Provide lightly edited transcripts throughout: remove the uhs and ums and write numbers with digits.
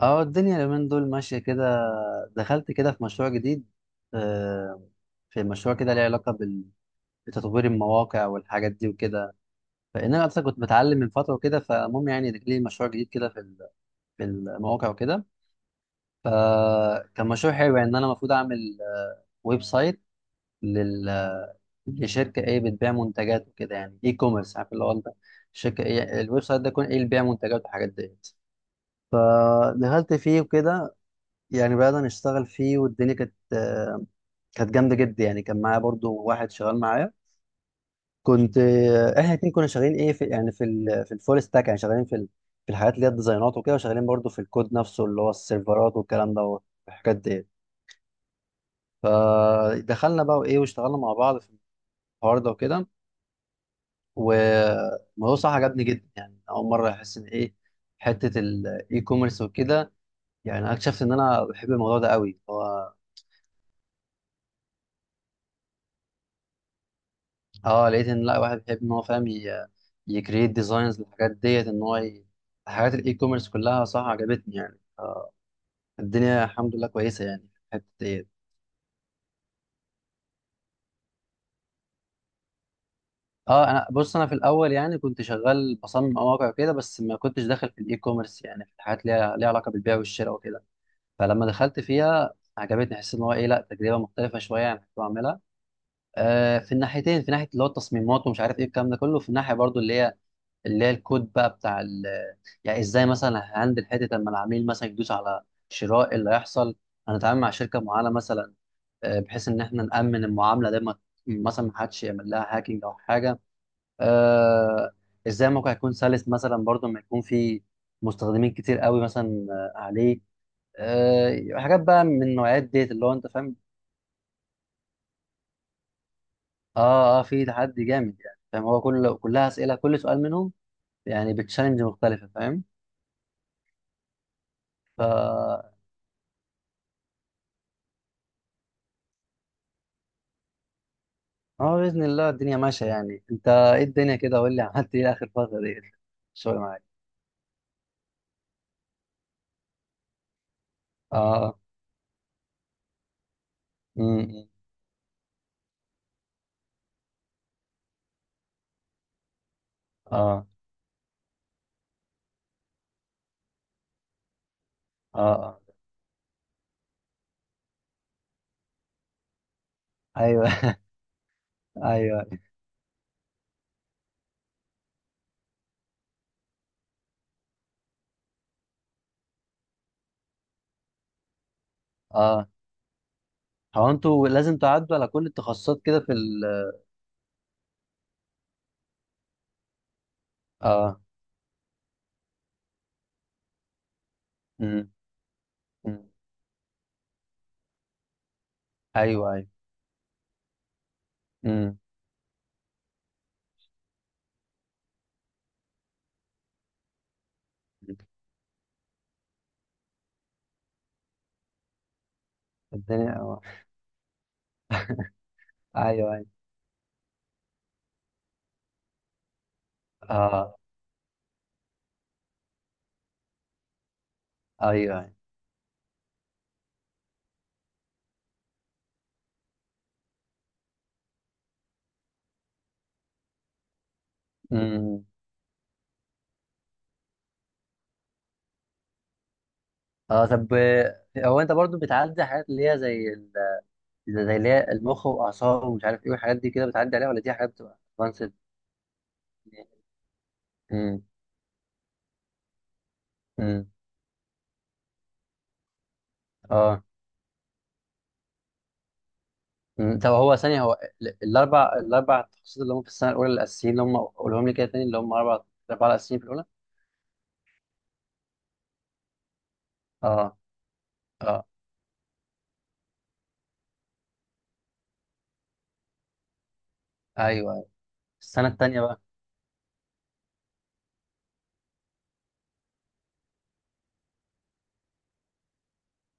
اه الدنيا اليومين دول ماشية كده. دخلت كده في مشروع جديد. آه، في مشروع كده ليه علاقة بتطوير المواقع والحاجات دي وكده. فإن أنا أصلا كنت بتعلم من فترة وكده، فالمهم يعني لي مشروع جديد كده في المواقع وكده. فكان مشروع حلو، يعني إن أنا المفروض أعمل ويب سايت لل لشركة إيه بتبيع منتجات وكده، يعني إي كوميرس، عارف اللي هو أنت، الشركة إيه الويب سايت ده يكون إيه اللي بيبيع منتجات والحاجات ديت. فدخلت فيه وكده، يعني بدأنا نشتغل فيه، والدنيا كانت كانت جامدة جدا. يعني كان معايا برضو واحد شغال معايا. كنت احنا الاتنين كنا شغالين ايه في، يعني في الفول ستاك، يعني شغالين في الحاجات اللي هي الديزاينات وكده، وشغالين برضو في الكود نفسه اللي هو السيرفرات والكلام ده والحاجات دي. فدخلنا بقى وايه واشتغلنا مع بعض في الحوار ده وكده. والموضوع صح عجبني جدا، يعني أول مرة أحس إن ايه حتة الاي كوميرس وكده. يعني أنا اكتشفت إن أنا بحب الموضوع ده قوي هو. اه لقيت ان لا، واحد بيحب ان هو فاهم يكريت ديزاينز للحاجات ديت، ان هو حاجات الاي كوميرس كلها صح عجبتني يعني. الدنيا الحمد لله كويسه يعني في الحته ديت. اه انا بص، انا في الاول يعني كنت شغال بصمم مواقع كده، بس ما كنتش داخل في الاي كوميرس، يعني في الحاجات ليها علاقه بالبيع والشراء وكده. فلما دخلت فيها عجبتني، حسيت ان هو ايه لا، تجربه مختلفه شويه عن اللي كنت بعملها. آه في الناحيتين، في ناحيه اللي هو التصميمات ومش عارف ايه الكلام ده كله، في الناحيه برضو اللي هي الكود بقى بتاع يعني ازاي مثلا هندل حته لما العميل مثلا يدوس على شراء، إيه اللي هيحصل. هنتعامل مع شركه معينه مثلا، بحيث ان احنا نامن المعامله دي، ما مثلا ما حدش يعمل لها هاكينج او حاجه. آه، ازاي الموقع يكون سلس مثلا، برضو ما يكون في مستخدمين كتير قوي مثلا عليه. حاجات بقى من النوعيات ديت، اللي هو انت فاهم. اه، في تحدي جامد، يعني فاهم هو كل، كلها اسئله، كل سؤال منهم يعني بتشالنج مختلفه، فاهم. اه باذن الله الدنيا ماشيه. يعني انت ايه الدنيا كده، قول لي عملت ايه اخر فتره دي الشغل معاك؟ اه. امم. اه. اه. اه. ايوه. ايوه. اه. هو انتوا لازم تعدوا على كل التخصصات كده في ال اه. امم. أمم. ايوه، ايوه. امم. الدنيا. اه. ايوه، ايوه. اه. ايوه، ايوه. امم. اه طب، هو انت برضو بتعدي حاجات اللي هي زي اللي هي المخ واعصاب ومش عارف ايه والحاجات دي كده، بتعدي عليها ولا دي حاجات بتبقى advanced؟ امم. امم. اه. مم. طب هو ثانية هو الأربع تخصصات اللي هم في السنة الأولى الأساسيين، اللي هم قولهم لي كده تاني، اللي هم أربع، الأربعة الأساسيين في الأولى. اه. اه. أيوه، أيوة. السنة التانية بقى.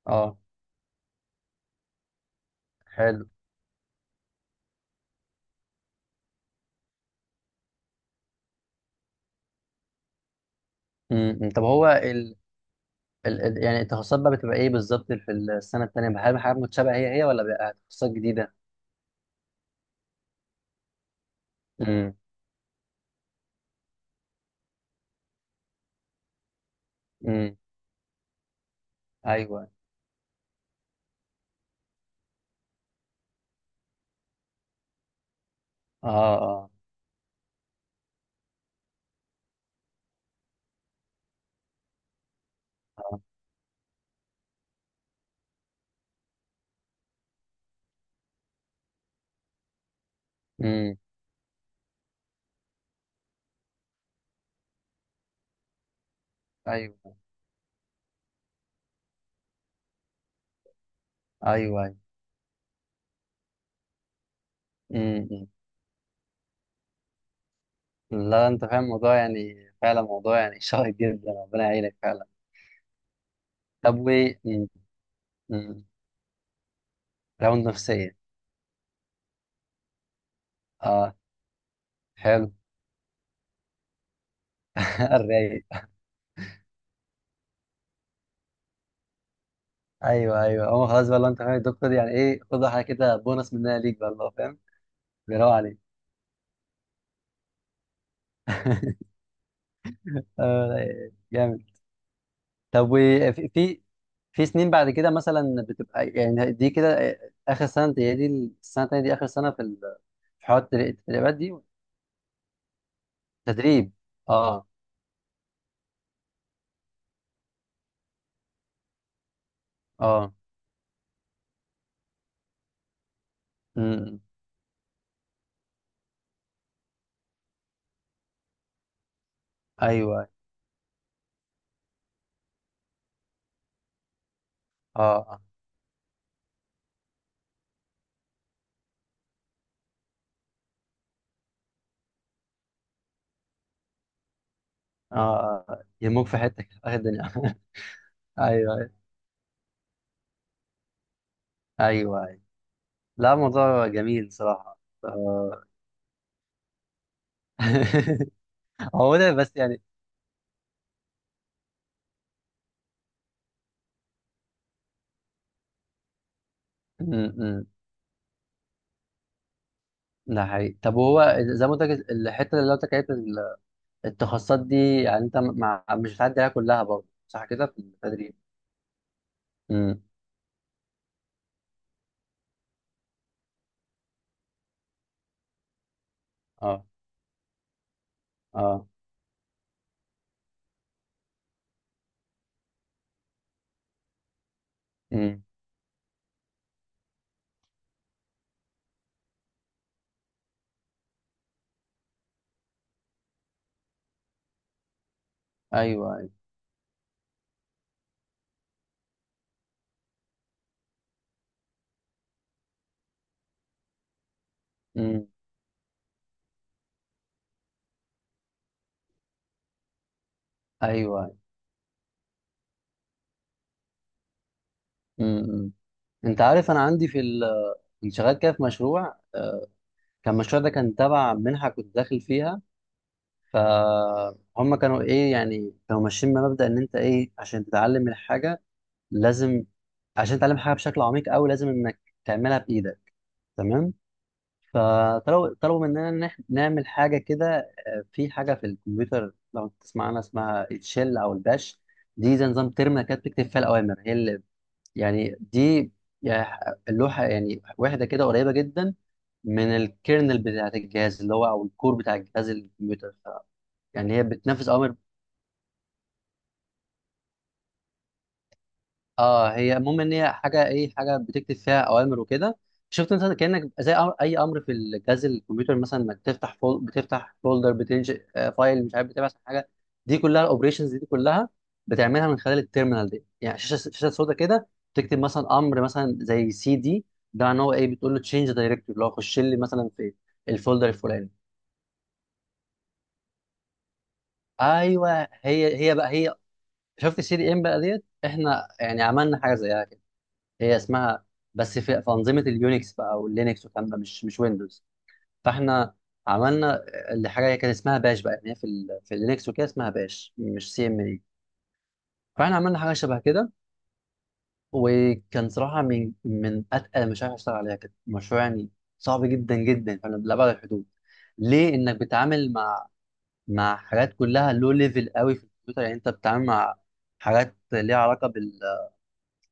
اه. حلو. طب هو يعني التخصصات بقى بتبقى إيه بالظبط في السنة التانية، هل حاجات متشابهة هي ولا بقى تخصصات جديدة؟ امم. امم. أيوه. اه. اه. اه. امم. أيوه، أيوه، أيوه. امم. أمم. لا، أنت فاهم الموضوع، يعني فعلا موضوع يعني شائك جدا، ربنا يعينك فعلا. طب و، مم. راوند نفسية. اه. حلو. الرايق. ايوه، ايوه، هو خلاص بقى لو انت فاهم الدكتور دي، يعني ايه، خد حاجه كده بونص منها ليك بقى، الله فاهم. بيراوغ عليك. آه رايق. جامد. طب وفي في سنين بعد كده مثلا، بتبقى يعني دي كده اخر سنه، دي السنه التانيه دي اخر سنه في حوار التدريبات دي؟ تدريب. اه. اه. امم. ايوه. اه. اه. اه. آه، يهموك في حتك اخر الدنيا ايوه، ايوه. لا موضوع جميل صراحة. آه. هو متعب بس يعني. م- م. ده حقيقي. طب وهو زي ما قلت لك الحتة اللي قلت لك عليها التخصصات دي، يعني انت مع، مش هتعدي عليها كلها برضه صح كده في التدريب؟ امم. اه. اه. امم. ايوه، ايوه. امم. ايوه. امم. انت عارف انا عندي كنت شغال كده في مشروع، كان المشروع ده كان تبع منحة كنت داخل فيها. فهم كانوا ايه، يعني كانوا ماشيين بمبدأ ان انت ايه، عشان تتعلم الحاجة لازم، عشان تتعلم حاجة بشكل عميق قوي لازم انك تعملها بايدك. تمام. فطلبوا مننا ان احنا نعمل حاجة كده، في حاجة في الكمبيوتر لو تسمع عنها، اسمها الشell او الباش. دي زي نظام ترمينال كده، بتكتب فيها الاوامر، هي اللي يعني دي، يعني اللوحة يعني، واحدة كده قريبة جدا من الكيرنل بتاعت الجهاز، اللي هو او الكور بتاع الجهاز الكمبيوتر، يعني هي بتنفذ اوامر. اه هي، المهم ان هي حاجه ايه، حاجه بتكتب فيها اوامر وكده. شفت انت كانك زي أمر، اي امر في الجهاز الكمبيوتر، مثلا انك تفتح بتفتح فولدر، بتنشئ فايل، مش عارف بتبعت حاجه. دي كلها الاوبريشنز دي كلها بتعملها من خلال التيرمينال دي، يعني شاشه سودا كده. تكتب مثلا امر مثلا زي سي دي، ده معناه هو ايه، بتقول له تشينج دايركتيف، اللي هو خش لي مثلا في الفولدر الفلاني. ايوه هي بقى هي، شفت السي دي ام بقى ديت، احنا يعني عملنا حاجه زيها. هي اسمها، بس في انظمه اليونكس بقى واللينكس والكلام ده، مش ويندوز. فاحنا عملنا اللي، حاجه هي كان اسمها باش بقى، يعني هي في اللينكس وكده اسمها باش مش سي ام اي. فاحنا عملنا حاجه شبه كده، وكان صراحه من اتقل المشاريع اللي اشتغل عليها كده، مشروع يعني صعب جدا جدا فانا، لأبعد الحدود، ليه انك بتتعامل مع، مع حاجات كلها لو ليفل قوي في الكمبيوتر. يعني انت بتتعامل مع حاجات ليها علاقه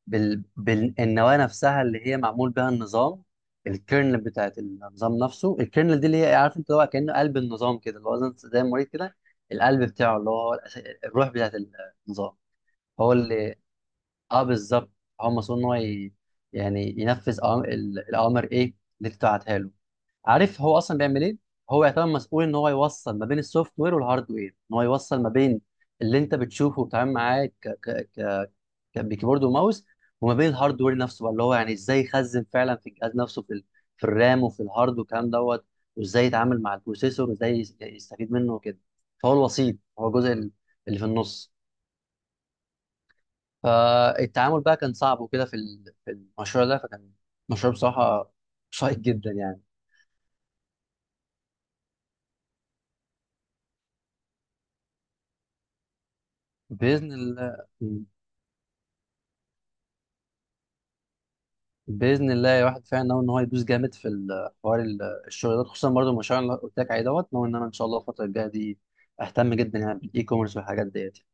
بالنواه نفسها اللي هي معمول بها النظام. الكيرنل بتاعت النظام نفسه، الكيرنل دي اللي هي إيه، عارف انت، هو كأنه قلب النظام كده، اللي هو زي المريض كده القلب بتاعه، اللي هو الروح بتاعت النظام. هو اللي، اه بالظبط، هو مسؤول ان هو يعني ينفذ الاوامر ايه اللي بتاعتها له. عارف هو اصلا بيعمل ايه، هو يعتبر مسؤول ان هو يوصل ما بين السوفت وير والهارد وير، ان هو يوصل ما بين اللي انت بتشوفه وبتتعامل معاه كان بكيبورد وماوس، وما بين الهاردوير نفسه بقى اللي هو يعني ازاي يخزن فعلا في الجهاز نفسه في الرام وفي الهارد والكلام دوت، وازاي يتعامل مع البروسيسور وازاي يستفيد منه وكده. فهو الوسيط، هو الجزء اللي في النص. فالتعامل بقى كان صعب وكده في المشروع ده، فكان مشروع بصراحة شيق جدا يعني. بإذن الله. باذن الله الواحد فعلا ناوي ان هو يدوس جامد حوار الشغل ده، خصوصا برضه المشروع اللي قلت لك عليه دوت. ناوي ان انا ان شاء الله الفتره الجايه دي اهتم جدا يعني بالاي كوميرس والحاجات ديت يعني.